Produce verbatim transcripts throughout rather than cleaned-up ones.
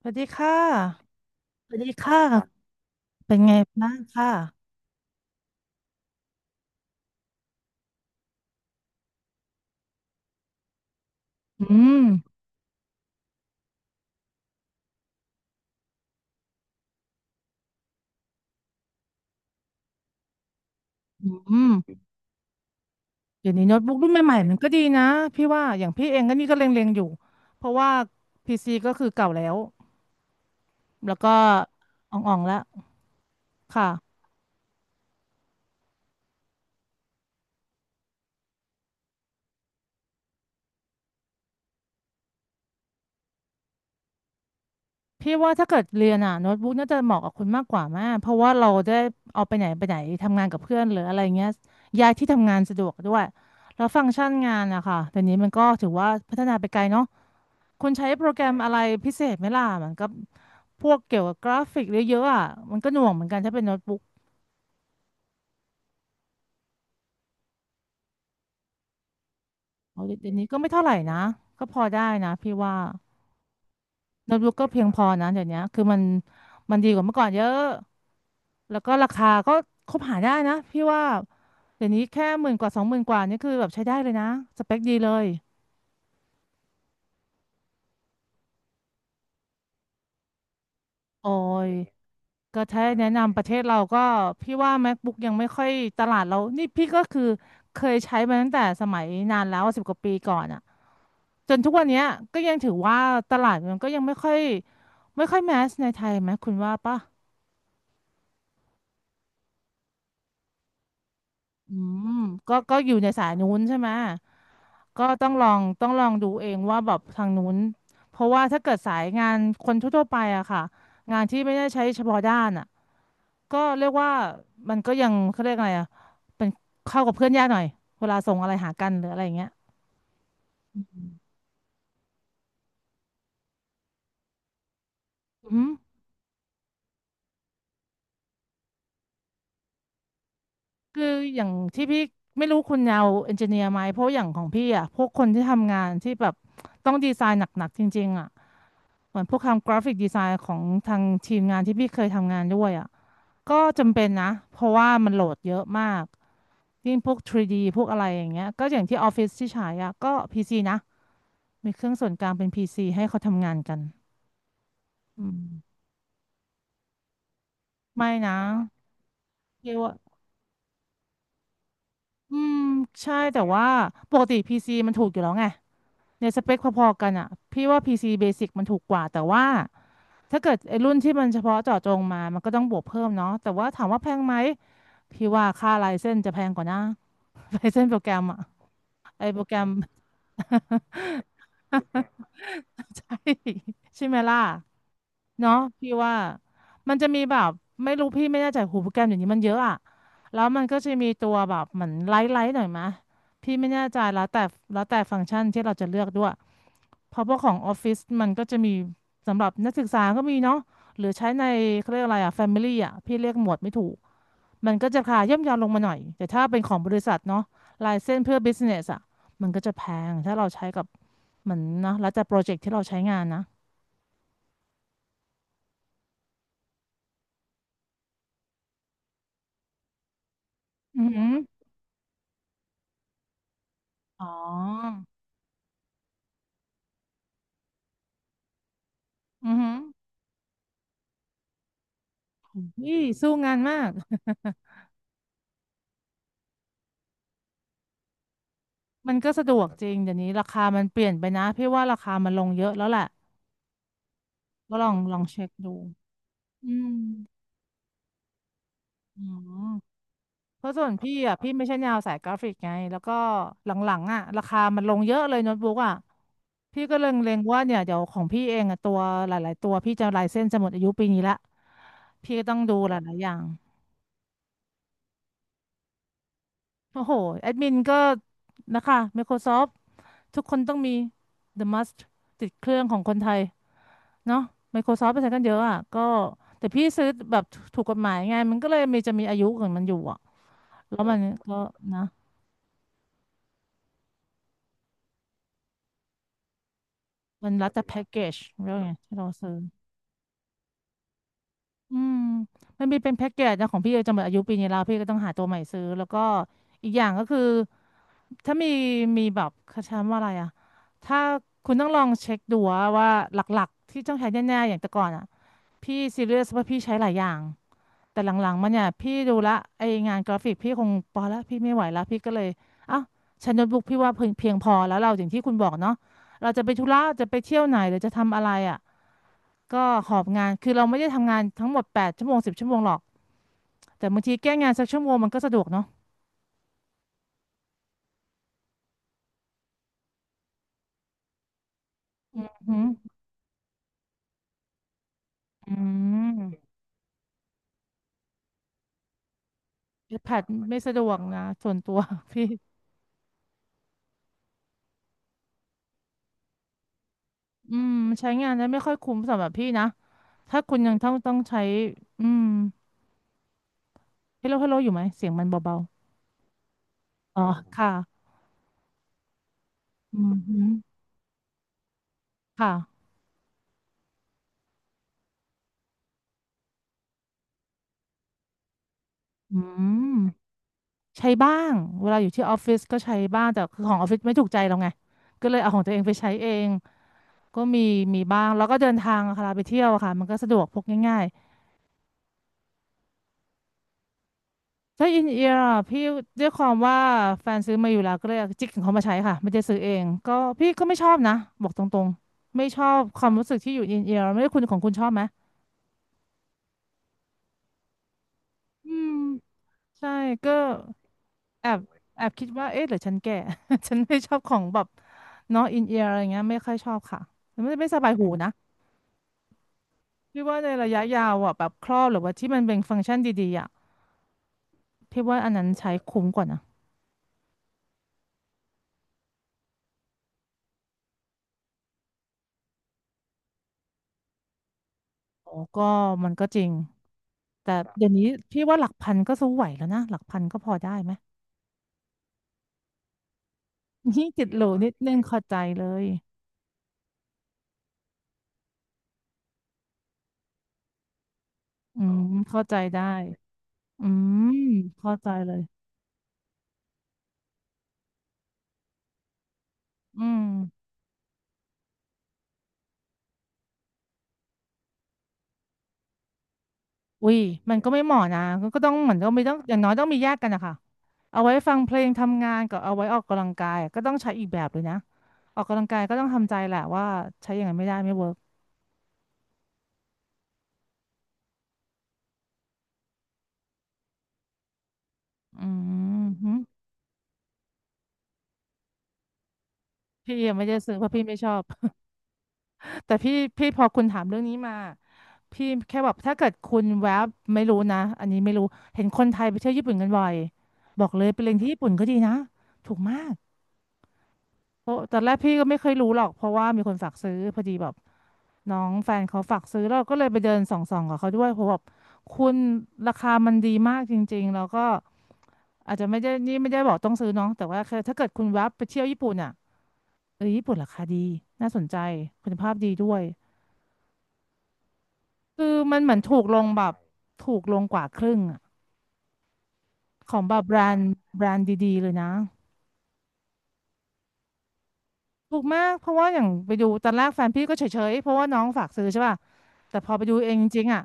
สวัสดีค่ะสวัสดีค่ะเป็นไงบ้างค่ะอืมอืมเดี๋ยวนี้โน้ตบุ๊กรุ่นใหม่ๆมันก็ดีนะพี่ว่าอย่างพี่เองก็นี่ก็เล็งๆอยู่เพราะว่า p ีซีก็คือเก่าแล้วแล้วก็อ่องๆแล้วค่ะพี่ว่าถ้าเกิดเรียนอ่ะโน้ตบุ๊กน่าจะเหมาะกับคุณมากกว่าแม่เพราะว่าเราได้เอาไปไหนไปไหนทำงานกับเพื่อนหรืออะไรเงี้ยย้ายที่ทำงานสะดวกด้วยแล้วฟังก์ชันงานอะค่ะแต่นี้มันก็ถือว่าพัฒนาไปไกลเนาะ คุณใช้โปรแกรมอะไรพิเศษไหมล่ะมันก็พวกเกี่ยวกับกราฟิกเยอะๆอ่ะมันก็หน่วงเหมือนกันถ้าเป็นโน้ตบุ๊กเอาเดี๋ยวนี้ก็ไม่เท่าไหร่นะก็พอได้นะพี่ว่าโน้ตบุ๊กก็เพียงพอนะเดี๋ยวนี้คือมันมันดีกว่าเมื่อก่อนเยอะแล้วก็ราคาก็คบหาได้นะพี่ว่าเดี๋ยวนี้แค่หมื่นกว่าสองหมื่นกว่านี่คือแบบใช้ได้เลยนะสเปคดีเลยโอ้ยก็ถ้าแนะนำประเทศเราก็พี่ว่า MacBook ยังไม่ค่อยตลาดเรานี่พี่ก็คือเคยใช้มาตั้งแต่สมัยนานแล้วสิบกว่าปีก่อนอ่ะ จนทุกวันเนี้ยก็ยังถือว่าตลาดมันก็ยังไม่ค่อยไม่ค่อยแมสในไทยไหมคุณว่าป่ะอืมก็ก็อยู่ในสายนู้นใช่ไหมก็ต้องลองต้องลองดูเองว่าแบบทางนู้นเพราะว่าถ้าเกิดสายงานคนทั่วๆไปอะค่ะงานที่ไม่ได้ใช้เฉพาะด้านอะก็เรียกว่ามันก็ยังเขาเรียกอะไรอะเป็นเข้ากับเพื่อนยากหน่อยเวลาส่งอะไรหากันหรืออะไรอย่างเงี้ยอืม คืออย่างที่พี่ไม่รู้คุณยาวเอนจิเนียร์ไหมเพราะอย่างของพี่อ่ะพวกคนที่ทำงานที่แบบต้องดีไซน์หนักๆจริงๆอ่ะเหมือนพวกทำกราฟิกดีไซน์ของทางทีมงานที่พี่เคยทำงานด้วยอ่ะก็จำเป็นนะเพราะว่ามันโหลดเยอะมากยิ่งพวก ทรี ดี พวกอะไรอย่างเงี้ยก็อย่างที่ออฟฟิศที่ใช้อ่ะก็ พี ซี นะมีเครื่องส่วนกลางเป็น พี ซี ให้เขาทำงานกันอืมไม่นะเรียกว่าอืมใช่แต่ว่าปกติพีซีมันถูกอยู่แล้วไง ในสเปคพอๆกันอ่ะพี่ว่า พี ซี Basic มันถูกกว่าแต่ว่าถ้าเกิดไอ้รุ่นที่มันเฉพาะเจาะจงมามันก็ต้องบวกเพิ่มเนาะแต่ว่าถามว่าแพงไหมพี่ว่าค่าไลเซนส์จะแพงกว่านะ ไลเซนส์โปรแกรมอ่ะไอ้โปรแกรม ใช่ ใช่ไหมล่ะเนาะพี่ว่ามันจะมีแบบไม่รู้พี่ไม่แน่ใจหูโปรแกรมอย่างนี้มันเยอะอะแล้วมันก็จะมีตัวแบบเหมือนไลท์ไลท์หน่อยมะพี่ไม่แน่ใจแล้วแต่แล้วแต่ฟังก์ชันที่เราจะเลือกด้วยเพราะว่าของออฟฟิศมันก็จะมีสำหรับนักศึกษาก็มีเนาะหรือใช้ในเขาเรียกอะไรอะแฟมิลี่อะพี่เรียกหมวดไม่ถูก มันก็จะราคาย่อมเยาวลงมาหน่อยแต่ถ้าเป็นของบริษัทเนาะลายเส้นเพื่อ business อ่ะมันก็จะแพงถ้าเราใช้กับเหมือนนะแล้วแต่โปรเจกต์ที่เราใช้งานนะอือหืออ๋ออือหือนี่สู้งานมาก มันก็สะดวกจริงเดี๋ยวนี้ราคามันเปลี่ยนไปนะพี่ว่าราคามันลงเยอะแล้วแหละก็ลองลองเช็คดูอืมอ๋อ เพราะส่วนพี่อ่ะพี่ไม่ใช่แนวสายกราฟิกไงแล้วก็หลังๆอ่ะราคามันลงเยอะเลยโน้ตบุ๊กอ่ะพี่ก็เล็งๆว่าเนี่ยเดี๋ยวของพี่เองอ่ะตัวหลายๆตัวพี่จะลายเส้นจะหมดอายุปีนี้ละพี่ก็ต้องดูหลายๆอย่างโอ้โหแอดมินก็นะคะ Microsoft ทุกคนต้องมี The Must ติดเครื่องของคนไทยเนาะ Microsoft ไปใช้กันเยอะอ่ะก็แต่พี่ซื้อแบบถูกกฎหมายไงมันก็เลยมีจะมีอายุของมันอยู่อ่ะแล้วมันก็นะมันรัดแต่แพ็กเกจเรื่องไงที่เราซื้อ อืมมันมีเป็นแพ็กเกจนะของพี่จะหมดอายุปีนี้แล้วพี่ก็ต้องหาตัวใหม่ซื้อแล้วก็อีกอย่างก็คือถ้ามีมีแบบเขาใช้คำว่าอะไรอะถ้าคุณต้องลองเช็คดูว่าหลักๆที่ต้องใช้แน่ๆอย่างแต่ก่อนอะพี่ซีเรียสว่าพี่ใช้หลายอย่างแต่หลังๆมันเนี่ยพี่ดูละไองานกราฟิกพี่คงพอแล้วพี่ไม่ไหวแล้วพี่ก็เลยเอ้าใช้โน้ตบุ๊กพี่ว่าเพียงเพียงพอแล้วเราอย่างที่คุณบอกเนาะเราจะไปธุระจะไปเที่ยวไหนหรือจะทำอะไรอะก็หอบงานคือเราไม่ได้ทำงานทั้งหมดแปดชั่วโมงสิบชั่วโมงหรอก แต่บางทีแก้งานสักชั่วโมงมันก็สะดวกเนาะอืมอืมไอแพดไม่สะดวกนะส่วนตัว พี่อืมใช้งานแล้วไม่ค่อยคุ้มสำหรับพี่นะ ถ้าคุณยังต้องต้องใช้อืมฮัลโหลฮัลโหลอยู่ไหมเสียงมันเบาๆอ๋อค่ะ อืมฮึค่ะอืมใช้บ้างเวลาอยู่ที่ออฟฟิศก็ใช้บ้างแต่คือของออฟฟิศไม่ถูกใจเราไง ก็เลยเอาของตัวเองไปใช้เอง ก็มีมีบ้างแล้วก็เดินทางอะค่ะเวลาไปเที่ยวอะค่ะมันก็สะดวกพกง่าย ถ้าอินเอียร์อะพี่ด้วยความว่าแฟนซื้อมาอยู่แล้วก็เลยจิกของเขามาใช้ค่ะไม่ได้ซื้อเองก็พี่ก็ไม่ชอบนะบอกตรงๆไม่ชอบความรู้สึกที่อยู่อินเอียร์ไม่ได้คุณของคุณชอบไหมอืมใช่ก็แอบแอบคิดว่าเอ๊ะหรือฉันแก่ ฉันไม่ชอบของแบบเนาะอินเอียร์อะไรเงี้ยไม่ค่อยชอบค่ะไม่ไม่สบายหูนะพี่ว่าในระยะยาวอ่ะแบบครอบหรือว่าที่มันเป็นฟังก์ชันดีๆอ่ะพี่ว่าอันนั้นใช้คุ้มกว่านะ โอ้ก็มันก็จริงแต่เดี๋ยวนี้พี่ว่าหลักพันก็สู้ไหวแล้วนะหลักพันก็พอได้ไหม นี่ติดจิโหลงนิดนึงเข้าใจเลยอืมเข้าใจได้อืมเข้าใจเลยอืมอุ้ยมันก็ไม่เหมาะนะก็ก็ต้องเหมือนต้องมีต้องอย่างน้อยต้องมีแยกกันนะคะเอาไว้ฟังเพลงทำงานกับเอาไว้ออกกำลังกายก็ต้องใช้อีกแบบเลยนะออกกำลังกายก็ต้องทำใจแหละว่าใช้อย่างนั้นไม่ได้ไม่เวิร์กอืมหึพี่ยังไม่ได้ซื้อเพราะพี่ไม่ชอบ แต่พี่พี่พอคุณถามเรื่องนี้มา พี่แค่แบบถ้าเกิดคุณแวบไม่รู้นะอันนี้ไม่รู้เห็นคนไทยไปเที่ยวญี่ปุ่นกันบ่อยบอกเลยไปเรียนที่ญี่ปุ่นก็ดีนะถูกมากเพราะตอนแรกพี่ก็ไม่เคยรู้หรอกเพราะว่ามีคนฝากซื้อพอดีแบบน้องแฟนเขาฝากซื้อแล้วเราก็เลยไปเดินส่องๆกับเขาด้วยเพราะแบบคุณราคามันดีมากจริงๆแล้วก็อาจจะไม่ได้นี่ไม่ได้บอกต้องซื้อเน้องแต่ว่าแคืถ้าเกิดคุณแวบไปเที่ยวญี่ปุ่นอ่ะเออญี่ปุ่นราคาดีน่าสนใจคุณภาพดีด้วยคือมันเหมือนถูกลงแบบถูกลงกว่าครึ่งอะ ของแบบแบรนด์แบรนด์ดีๆเลยนะถูกมากเพราะว่าอย่างไปดูตอนแรกแฟนพี่ก็เฉยๆเพราะว่าน้องฝากซื้อใช่ป่ะแต่พอไปดูเองจริงๆอ่ะ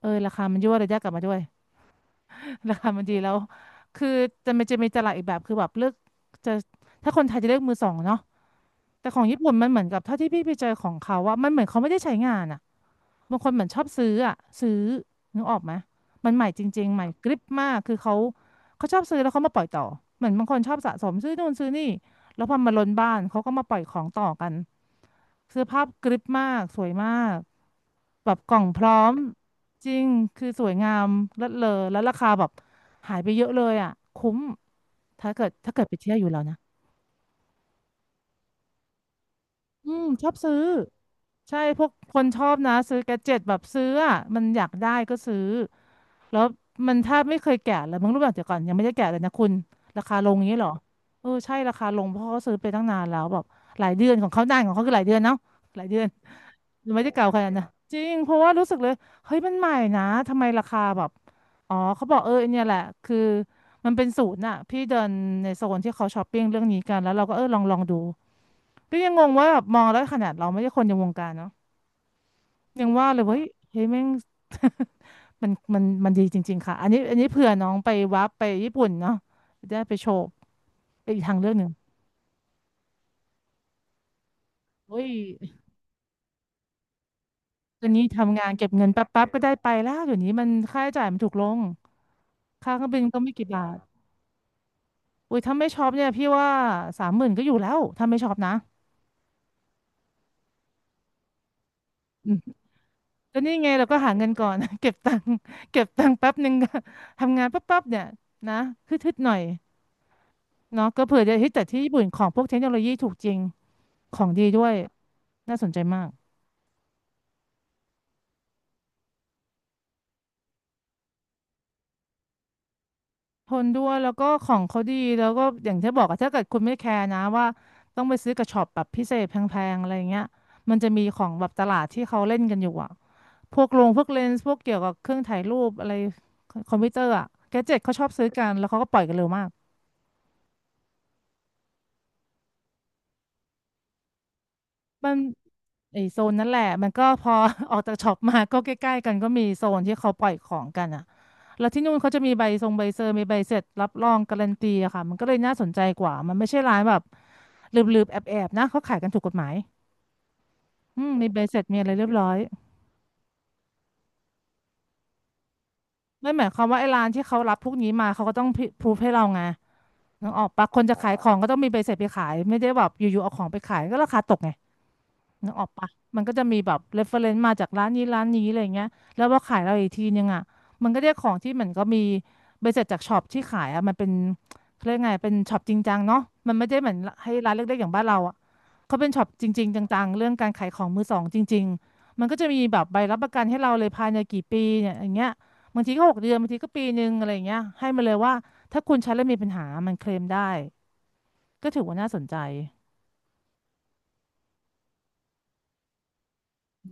เออราคามันยั่วระยะกลับมาด้วย ราคามันดีแล้วคือจะมันจะมีตลาดอีกแบบคือแบบเลือกจะถ้าคนไทยจะเลือกมือสองเนาะแต่ของญี่ปุ่นมันเหมือนกับเท่าที่พี่ไปเจอของเขาว่ามันเหมือนเขาไม่ได้ใช้งานอ่ะ บางคนเหมือนชอบซื้ออะซื้อนึกออกไหมมันใหม่จริงๆใหม่กริบมากคือเขาเขาชอบซื้อแล้วเขามาปล่อยต่อเหมือนบางคนชอบสะสมซื้อนู่นซื้อนี่แล้วพอมาล้นบ้านเขาก็มาปล่อยของต่อกันเสื้อผ้ากริบมากสวยมากแบบกล่องพร้อมจริงคือสวยงามเลิศเลอแล้วราคาแบบหายไปเยอะเลยอ่ะคุ้มถ้าเกิดถ้าเกิดไปเที่ยวอยู่แล้วนะ อืมชอบซื้อใช่พวกคนชอบนะซื้อแกดเจ็ตแบบซื้ออ่ะมันอยากได้ก็ซื้อแล้วมันถ้าไม่เคยแกะเลยมึงรู้แบบเดี๋ยวก่อนยังไม่ได้แกะเลยนะคุณราคาลงอย่างนี้เหรอเออใช่ราคาลงเพราะเขาซื้อไปตั้งนานแล้วแบบหลายเดือนของเขานานของเขาคือหลายเดือนเนาะหลายเดือนไม่ได้เก่าข่นาดเหนะจริงเพราะว่ารู้สึกเลยเฮ้ยมันใหม่นะทำไมราคาแบบอ๋อเขาบอกเออเนี่ยแหละคือมันเป็นศูนย์น่ะพี่เดินในโซนที่เขาช้อปปิ้งเรื่องนี้กันแล้วเราก็เออลองลองดู ก็ยังงงว่าแบบมองแล้วขนาดเราไม่ใช่คนในวงการเนาะยังว่าเลยเฮ้ยเฮ้ยแม่ง มันมันมันดีจริงๆค่ะอันนี้อันนี้เผื่อน้องไปวับไปญี่ปุ่นเนาะจะได้ไปโชว์ไปนอีกทางเลือกหนึ่งเฮ้ยตอนนี้ทำงานเก็บเงินแป๊บๆก็ได้ไปแล้วเดี๋ยวนี้มันค่าใช้จ่ายมันถูกลงค่าเครื่องบินก็ไม่กี่บาทอุ้ยถ้าไม่ช็อปเนี่ยพี่ว่าสามหมื่นก็อยู่แล้วถ้าไม่ช็อปนะอืมก็นี่ไงเราก็หาเงินก่อน เก็บตังค์เก็บตังค์แป๊บหนึ่ง ก็ทำงานแป๊บๆเนี่ยนะฮึดๆหน่อย เนาะก็เผื่อจะเฮ้ยแต่ที่ญี่ปุ่นของพวกเทคโนโลยีถูกจริงของดีด้วยน่าสนใจมากทนด้วยแล้วก็ของเขาดีแล้วก็อย่างที่บอกอะถ้าเกิดคุณไม่แคร์นะว่าต้องไปซื้อกระช็อปแบบพิเศษแพงๆอะไรอย่างเงี้ยมันจะมีของแบบตลาดที่เขาเล่นกันอยู่อะพวกโรงพวกเลนส์พวกเกี่ยวกับเครื่องถ่ายรูปอะไรคอมพิวเตอร์อะแกดเจ็ตเขาชอบซื้อกันแล้วเขาก็ปล่อยกันเร็วมาก มันไอโซนนั่นแหละมันก็พอ ออกจากช็อปมาก็ใกล้ๆกันก็มีโซนที่เขาปล่อยของกันอ่ะแล้วที่นู่นเขาจะมีใบทรงใบเซอร์มีใบเสร็จรับรองการันตีอะค่ะมันก็เลยน่าสนใจกว่ามันไม่ใช่ร้านแบบลืบๆแอบๆนะเขาขายกันถูกกฎหมายอืมมีใบเสร็จมีอะไรเรียบร้อยไม่หมายความว่าไอ้ร้านที่เขารับพวกนี้มาเขาก็ต้องพิพรูฟให้เราไงนึกออกปะคนจะขายของก็ต้องมีใบเสร็จไปขายไม่ได้แบบอยู่ๆเอาของไปขายก็ราคาตกไง นึกออกปะมันก็จะมีแบบ เรฟเฟอร์เรนซ์ มาจากร้านนี้ร้านนี้อะไรเงี้ยแล้วพอขายเราอีกทีนึงอ่ะมันก็ได้ของที่เหมือนก็มีใบเสร็จจากช็อปที่ขายอ่ะมันเป็นเขาเรียกไงเป็นช็อปจริงจังเนาะมันไม่ได้เหมือนให้ร้านเล็กๆอย่างบ้านเราอ่ะเขาเป็นช็อปจริงๆจังๆเรื่องการขายของมือสองจริงๆมันก็จะมีแบบใบรับประกันให้เราเลยภายในกี่ปีเนี่ยอย่างเงี้ยบางทีก็หกเดือนบางทีก็ปีนึงอะไรอย่างเงี้ยให้มาเลยว่าถ้าคุณใช้แล้วมีปัญหามันเคลมได้ก็ถือว่าน่าสนใจ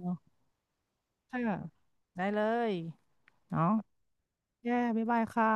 เนาะค่ะได้เลยเนาะ แย่บ๊ายบายค่ะ